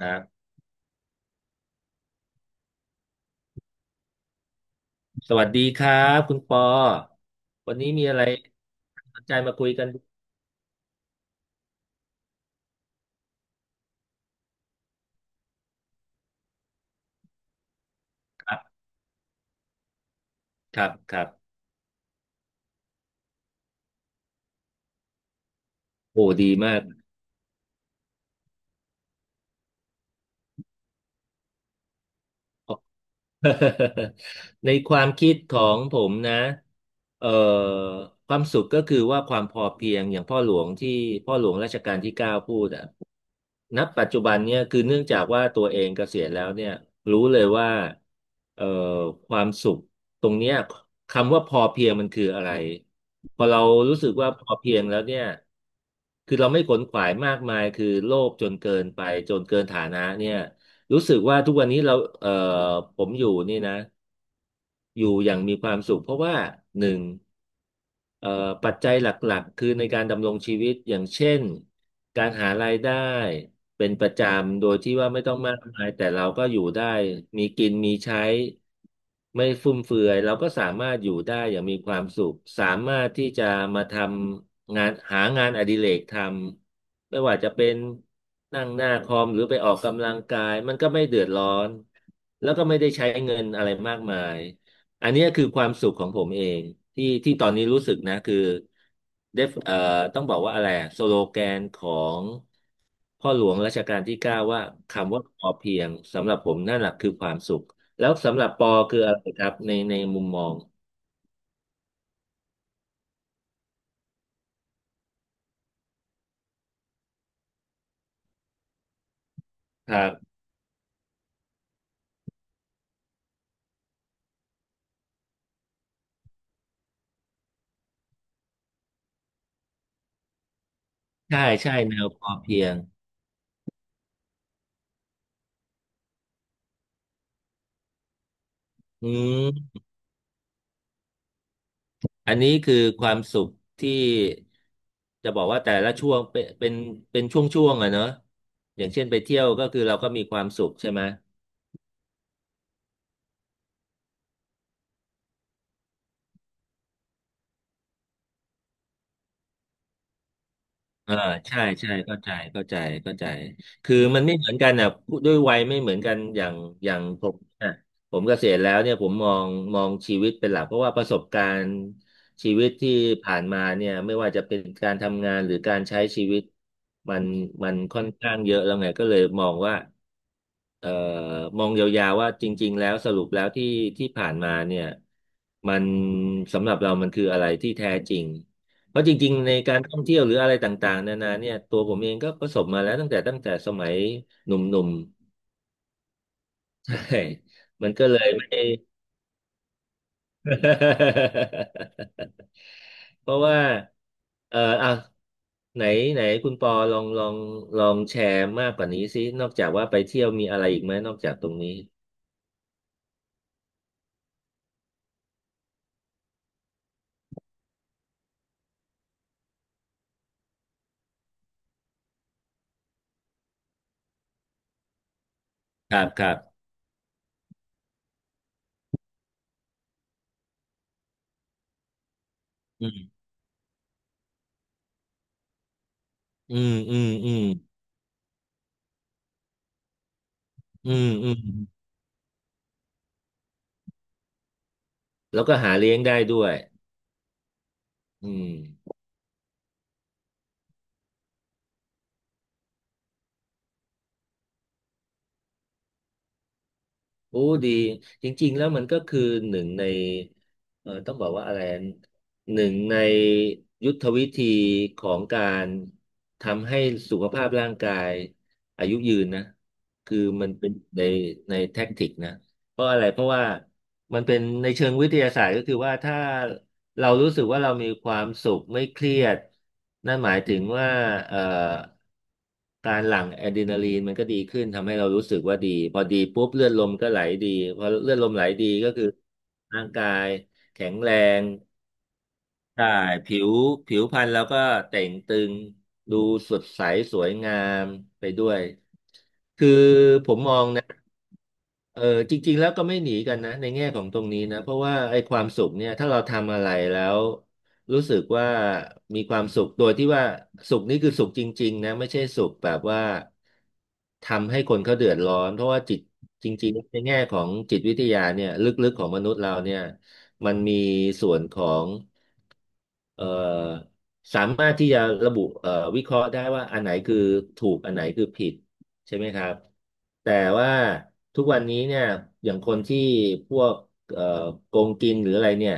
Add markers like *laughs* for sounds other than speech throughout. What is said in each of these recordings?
นะสวัสดีครับคุณปอวันนี้มีอะไรน่าสนใจมาคุยกันครับครับโอ้ดีมาก *laughs* ในความคิดของผมนะเอ่อความสุขก็คือว่าความพอเพียงอย่างพ่อหลวงที่พ่อหลวงรัชกาลที่เก้าพูดอะณปัจจุบันเนี่ยคือเนื่องจากว่าตัวเองเกษียณแล้วเนี่ยรู้เลยว่าเอ่อความสุขตรงเนี้ยคำว่าพอเพียงมันคืออะไรพอเรารู้สึกว่าพอเพียงแล้วเนี่ยคือเราไม่ขนขวายมากมายคือโลภจนเกินไปจนเกินฐานะเนี่ย รู้สึกว่าทุกวันนี้เราเอ่อผมอยู่นี่นะ อยู่อย่างมีความสุขเพราะว่าหนึ่งเอ่อปัจจัยหลักๆคือในการดำรงชีวิตอย่างเช่นการหารายได้เป็นประจำโดยที่ว่าไม่ต้องมากมายแต่เราก็อยู่ได้มีกินมีใช้ไม่ฟุ่มเฟือยเราก็สามารถอยู่ได้อย่างมีความสุขสามารถที่จะมาทำงานหางานอดิเรกทำไม่ว่าจะเป็นนั่งหน้าคอมหรือไปออกกำลังกายมันก็ไม่เดือดร้อนแล้วก็ไม่ได้ใช้เงินอะไรมากมาย อันเนี้ยคือความสุขของผมเองที่ที่ตอนนี้รู้สึกนะคือเดฟต้องบอกว่าอะไรอะสโลแกนของพ่อหลวงรัชกาลที่เก้าว่าคำว่าพอเพียงสำหรับผมนั่นแหละคือความสุขแล้วสำหรับปอคืออะไรครับในในมุมมองครับใช่ใช่แนวพอเพียงอืมอันนี้คือความสุขที่จะบอกว่าแต่ละช่วงเป็นเป็นช่วงๆอะเนอะอย่างเช่นไปเที่ยวก็คือเราก็มีความสุขใช่ไหม อ่าใช่ใช่เข้าใจเข้าใจเข้าใจคือมันไม่เหมือนกันอ่ะพูดด้วยวัยไม่เหมือนกันอย่างอย่างผมอ่ะผมเกษียณแล้วเนี่ยผมมองมองชีวิตเป็นหลักเพราะว่าประสบการณ์ชีวิตที่ผ่านมาเนี่ยไม่ว่าจะเป็นการทำงานหรือการใช้ชีวิตมันมันค่อนข้างเยอะแล้วไงก็เลยมองว่าเอ่อมองยาวๆว่าจริงๆแล้วสรุปแล้วที่ที่ผ่านมาเนี่ยมันสำหรับเรามันคืออะไรที่แท้จริง เพราะจริงๆในการท่องเที่ยวหรืออะไรต่างๆนานาเนี่ยตัวผมเองก็ประสบมาแล้วตั้งแต่สมัยหนุ่มๆ *laughs* ใช่ มันก็เลยไม่ *laughs* เพราะว่าเอออ่ะไหนไหนคุณปอลองลองแชร์มากกว่านี้สินอกจากว่าไปเที่ยวมีอะไรอีกไหมนอกจากตรงนี้ครับครับอืมอืมอืมอืมอืมแล้วก็หาเลี้ยงได้ด้วยอืม โอ้ดีจริงๆแล้วมันก็คือหนึ่งในต้องบอกว่าอะไรหนึ่งในยุทธวิธีของการทำให้สุขภาพร่างกายอายุยืนนะคือมันเป็นในในแท็กติกนะเพราะอะไรเพราะว่ามันเป็นในเชิงวิทยาศาสตร์ก็คือว่าถ้า เรารู้สึกว่าเรามีความสุขไม่เครียดนั่นหมายถึงว่าเอ่อการหลั่งอะดรีนาลีนมันก็ดีขึ้นทำให้เรารู้สึกว่าดีพอดีปุ๊บเลือดลมก็ไหลดีพอเลือดลมไหลดีก็คือร่างกายแข็งแรง ใช่ผิวผิวพรรณเราก็แต่งตึงดูสดใสสวยงามไปด้วยคือผมมองนะเออจริงๆแล้วก็ไม่หนีกันนะในแง่ของตรงนี้นะเพราะว่าไอ้ความสุขเนี่ยถ้าเราทำอะไรแล้วรู้สึกว่ามีความสุขโดยที่ว่าสุขนี้คือสุขจริงๆนะไม่ใช่สุขแบบว่าทำให้คนเขาเดือดร้อนเพราะว่าจิตจริงๆในแง่ของจิตวิทยาเนี่ยลึกๆของมนุษย์เราเนี่ยมันมีส่วนของ เอ่อสามารถที่จะระบุวิเคราะห์ได้ว่าอันไหนคือถูกอันไหนคือผิดใช่ไหมครับแต่ว่าทุกวันนี้เนี่ยอย่างคนที่พวกเอ่อโกงกินหรืออะไรเนี่ย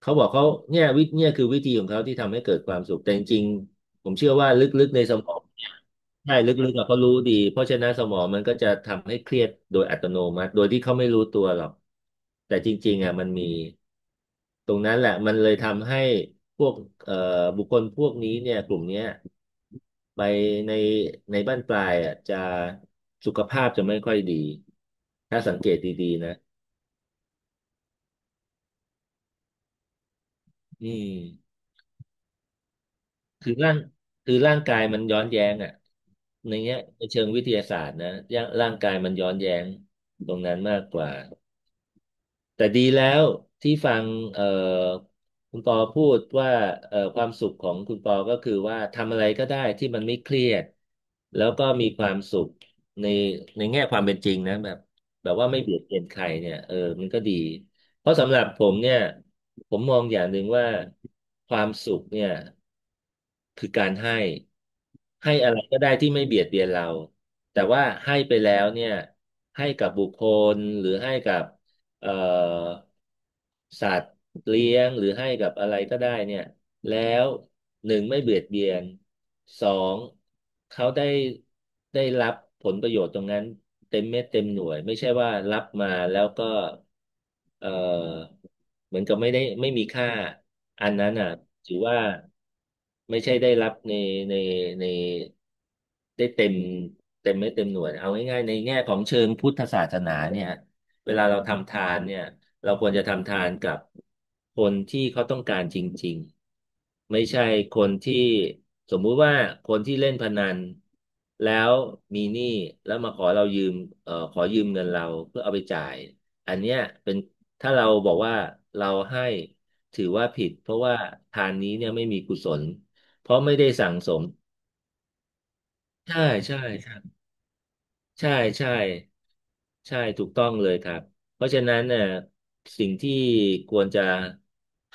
เขาบอกเขาเนี่ยวิเนี่ยคือวิธีของเขาที่ทำให้เกิดความสุขแต่จริงๆ ผมเชื่อว่าลึกๆในสมองเนี่ยใช่ลึกๆอะเขารู้ดีเพราะฉะนั้นสมองมันก็จะทำให้เครียดโดยอัตโนมัติโดยที่เขาไม่รู้ตัวหรอกแต่จริงๆอ่ะมันมีตรงนั้นแหละมันเลยทำให้พวกเอ่อบุคคลพวกนี้เนี่ยกลุ่มเนี้ยไปในในบ้านปลายอ่ะจะสุขภาพจะไม่ค่อยดีถ้าสังเกตดีๆนะอืม คือร่างคือร่างกายมันย้อนแย้งอ่ะในเงี้ยในเชิงวิทยาศาสตร์นะร่างกายมันย้อนแย้งตรงนั้นมากกว่า แต่ดีแล้วที่ฟังเอ่อคุณปอพูดว่าความสุขของคุณปอก็คือว่าทำอะไรก็ได้ที่มันไม่เครียดแล้วก็มีความสุขในในแง่ความเป็นจริงนะแบบแบบว่าไม่เบียดเบียนใครเนี่ยเออมันก็ดีเพราะสำหรับผมเนี่ยผมมองอย่างหนึ่งว่าความสุขเนี่ยคือการให้ให้อะไรก็ได้ที่ไม่เบียดเบียนเราแต่ว่าให้ไปแล้วเนี่ยให้กับบุคคลหรือให้กับ เอ่อสัตว์เลี้ยงหรือให้กับอะไรก็ได้เนี่ยแล้วหนึ่งไม่เบียดเบียนสองเขาได้ได้รับผลประโยชน์ตรงนั้นเต็มเม็ดเต็มหน่วยไม่ใช่ว่ารับมาแล้วก็เอ่อเหมือนกับไม่ได้ไม่มีค่าอันนั้นอ่ะถือว่าไม่ใช่ได้รับในในในได้เต็มเต็มเม็ดเต็มหน่วยเอาง่ายๆในแง่ของเชิงพุทธศาสนาเนี่ย เวลาเราทำทานเนี่ยเราควรจะทำทานกับคนที่เขาต้องการจริงๆไม่ใช่คนที่สมมุติว่าคนที่เล่นพนันแล้วมีหนี้แล้วมาขอเรายืมขอยืมเงินเราเพื่อเอาไปจ่ายอันเนี้ยเป็นถ้าเราบอกว่าเราให้ถือว่าผิดเพราะว่าทานนี้เนี่ยไม่มีกุศลเพราะไม่ได้สั่งสมใช่ใช่ใช่ ใช่ใช่ใช่ถูกต้องเลยครับเพราะฉะนั้นเนี่ยสิ่งที่ควรจะ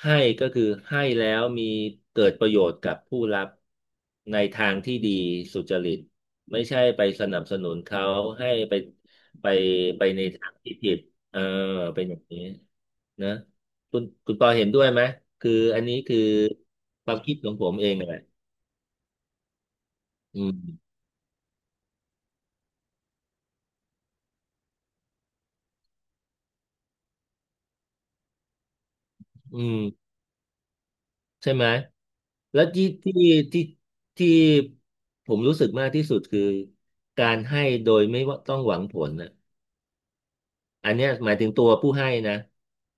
ให้ก็คือให้แล้วมีเกิดประโยชน์กับผู้รับในทางที่ดีสุจริตไม่ใช่ไปสนับสนุนเขาให้ไปไปไปในทางที่ผิดเออเป็นอย่างนี้นะคุณคุณปอเห็นด้วยไหมคืออันนี้คือความคิดของผมเองแหละอืมอืม ใช่ไหม แล้วที่ที่ที่ที่ผมรู้สึกมากที่สุดคือการให้โดยไม่ว่าต้องหวังผลนะ อันเนี้ยหมายถึงตัวผู้ให้นะ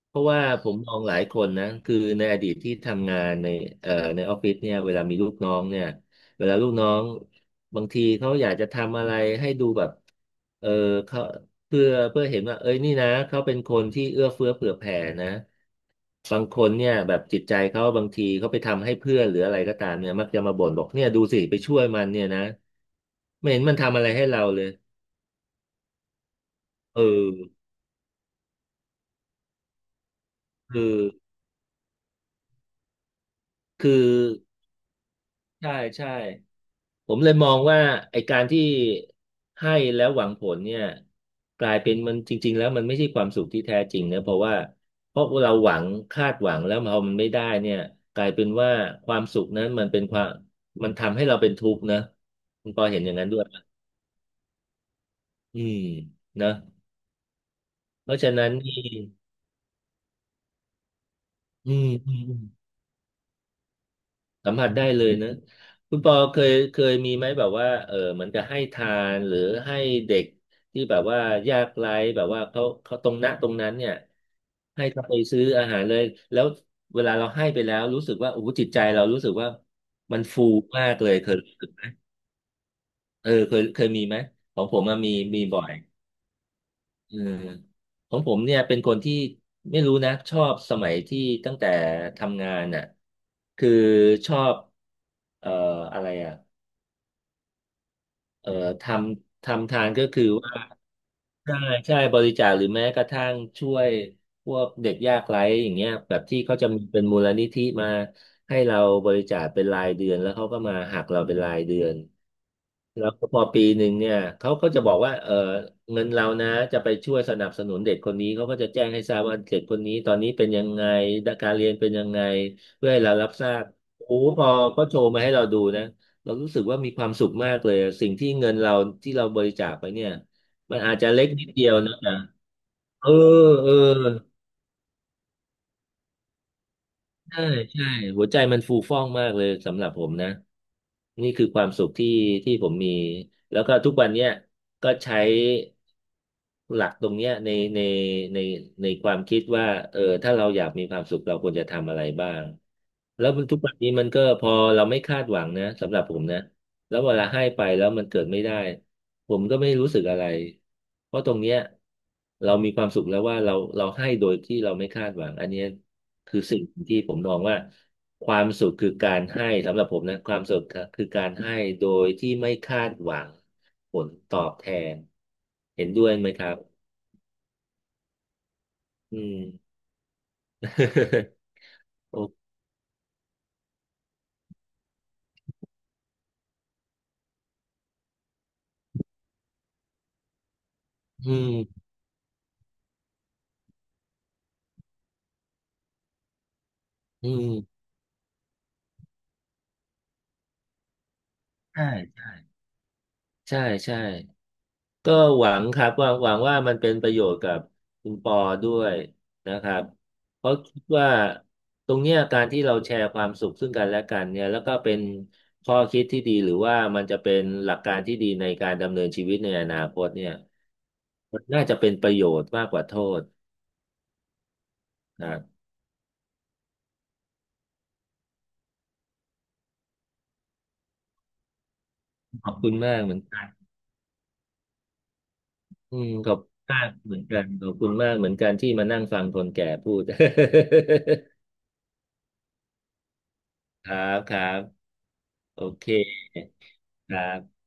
เพราะว่าผมมมองหลายคนนะคือในอดีตที่ทำงานในในออฟฟิศเนี่ยเวลามีลูกน้องเนี่ยเวลาลูกน้องบางทีเขาอยากจะทำอะไรให้ดูแบบเออเขาเพื่อเห็นว่าเอ้ยนี่นะเขาเป็นคนที่เอื้อเฟื้อเผื่อแผ่นะบางคนเนี่ยแบบจิตใจเขาบางทีเขาไปทำให้เพื่อนหรืออะไรก็ตามเนี่ยมักจะมาบ่นบอกเนี่ยดูสิไปช่วยมันเนี่ยนะไม่เห็นมันทำอะไรให้เราเลยเออคือ ใช่ใช่ผมเลยมองว่าไอ้การที่ให้แล้วหวังผลเนี่ยกลายเป็นมันจริงๆแล้วมันไม่ใช่ความสุขที่แท้จริงนะเพราะว่าเพราะเราหวังคาดหวังแล้วพอมันไม่ได้เนี่ยกลายเป็นว่าความสุขนั้นมันเป็นความมันทำให้เราเป็นทุกข์นะคุณปอเห็นอย่างนั้นด้วยปะอืมนะเพราะฉะนั้นนี่อืม สัมผัสได้เลยนะคุณปอเคยมีไหมแบบว่าเออเหมือนกับให้ทานหรือให้เด็กที่แบบว่ายากไร้แบบว่าเขาเขาตรงนั้นเนี่ยให้เขาไปซื้ออาหารเลยแล้วเวลาเราให้ไปแล้วรู้สึกว่าโอ้โหจิตใจเรารู้สึกว่ามันฟูมากเลยเคยเออเคยมีไหมของผมอะมีมีบ่อยเออของผมเนี่ยเป็นคนที่ไม่รู้นะชอบสมัยที่ตั้งแต่ทำงานน่ะคือชอบเอ่ออะไรอ่ะ เอ่อททำทานก็คือว่า ใช่ใช่บริจาคหรือแม้กระทั่งช่วยพวกเด็กยากไร้อย่างเงี้ยแบบที่เขาจะมีเป็นมูลนิธิมาให้เราบริจาคเป็นรายเดือนแล้วเขาก็มาหักเราเป็นรายเดือนแล้วก็พอปีหนึ่งเนี่ยเขาก็จะบอกว่าเออเงินเรานะจะไปช่วยสนับสนุนเด็กคนนี้เขาก็จะแจ้งให้ทราบว่าเด็กคนนี้ตอนนี้เป็นยังไงการเรียนเป็นยังไงเพื่อให้เรารับทราบโอ้พอก็โชว์มาให้เราดูนะเรารู้สึกว่ามีความสุขมากเลยสิ่งที่เงินเราที่เราบริจาคไปเนี่ย มันอาจจะเล็กนิดเดียวนะแต่เออเออ ใช่ใช่หัวใจมันฟูฟ่องมากเลยสำหรับผมนะนี่คือความสุขที่ที่ผมมีแล้วก็ทุกวันเนี้ยก็ใช้หลักตรงเนี้ยในในในในความคิดว่าเออถ้าเราอยากมีความสุขเราควรจะทำอะไรบ้างแล้วมันทุกวันนี้มันก็พอเราไม่คาดหวังนะสำหรับผมนะแล้วเวลาให้ไปแล้วมันเกิดไม่ได้ผมก็ไม่รู้สึกอะไรเพราะตรงเนี้ยเรามีความสุขแล้วว่าเราเราให้โดยที่เราไม่คาดหวังอันเนี้ย คือสิ่งที่ผมมองว่าความสุขคือการให้สำหรับผมนะความสุขคือการให้โดยที่ไม่คาดหวังผลตอบแทนเห็นด้วยไหมครับอืม *laughs* โอ้อืมอืมใช่ใช่ใช่ ก็หวังครับหวังว่ามันเป็นประโยชน์กับคุณปอด้วยนะครับเพราะคิดว่าตรงเนี้ยการที่เราแชร์ความสุขซึ่งกันและกันเนี่ยแล้วก็เป็นข้อคิดที่ดีหรือว่ามันจะเป็นหลักการที่ดีในการดำเนินชีวิตในอนาคตเนี่ยมันน่าจะเป็นประโยชน์มากกว่าโทษนะครับขอบคุณมากเหมือนกันอืมขอบคุณมากเหมือนกันขอบคุณมากเหมือนกันที่มานั่งฟังคนแก่พูด *laughs* ครับครับโอเคครับ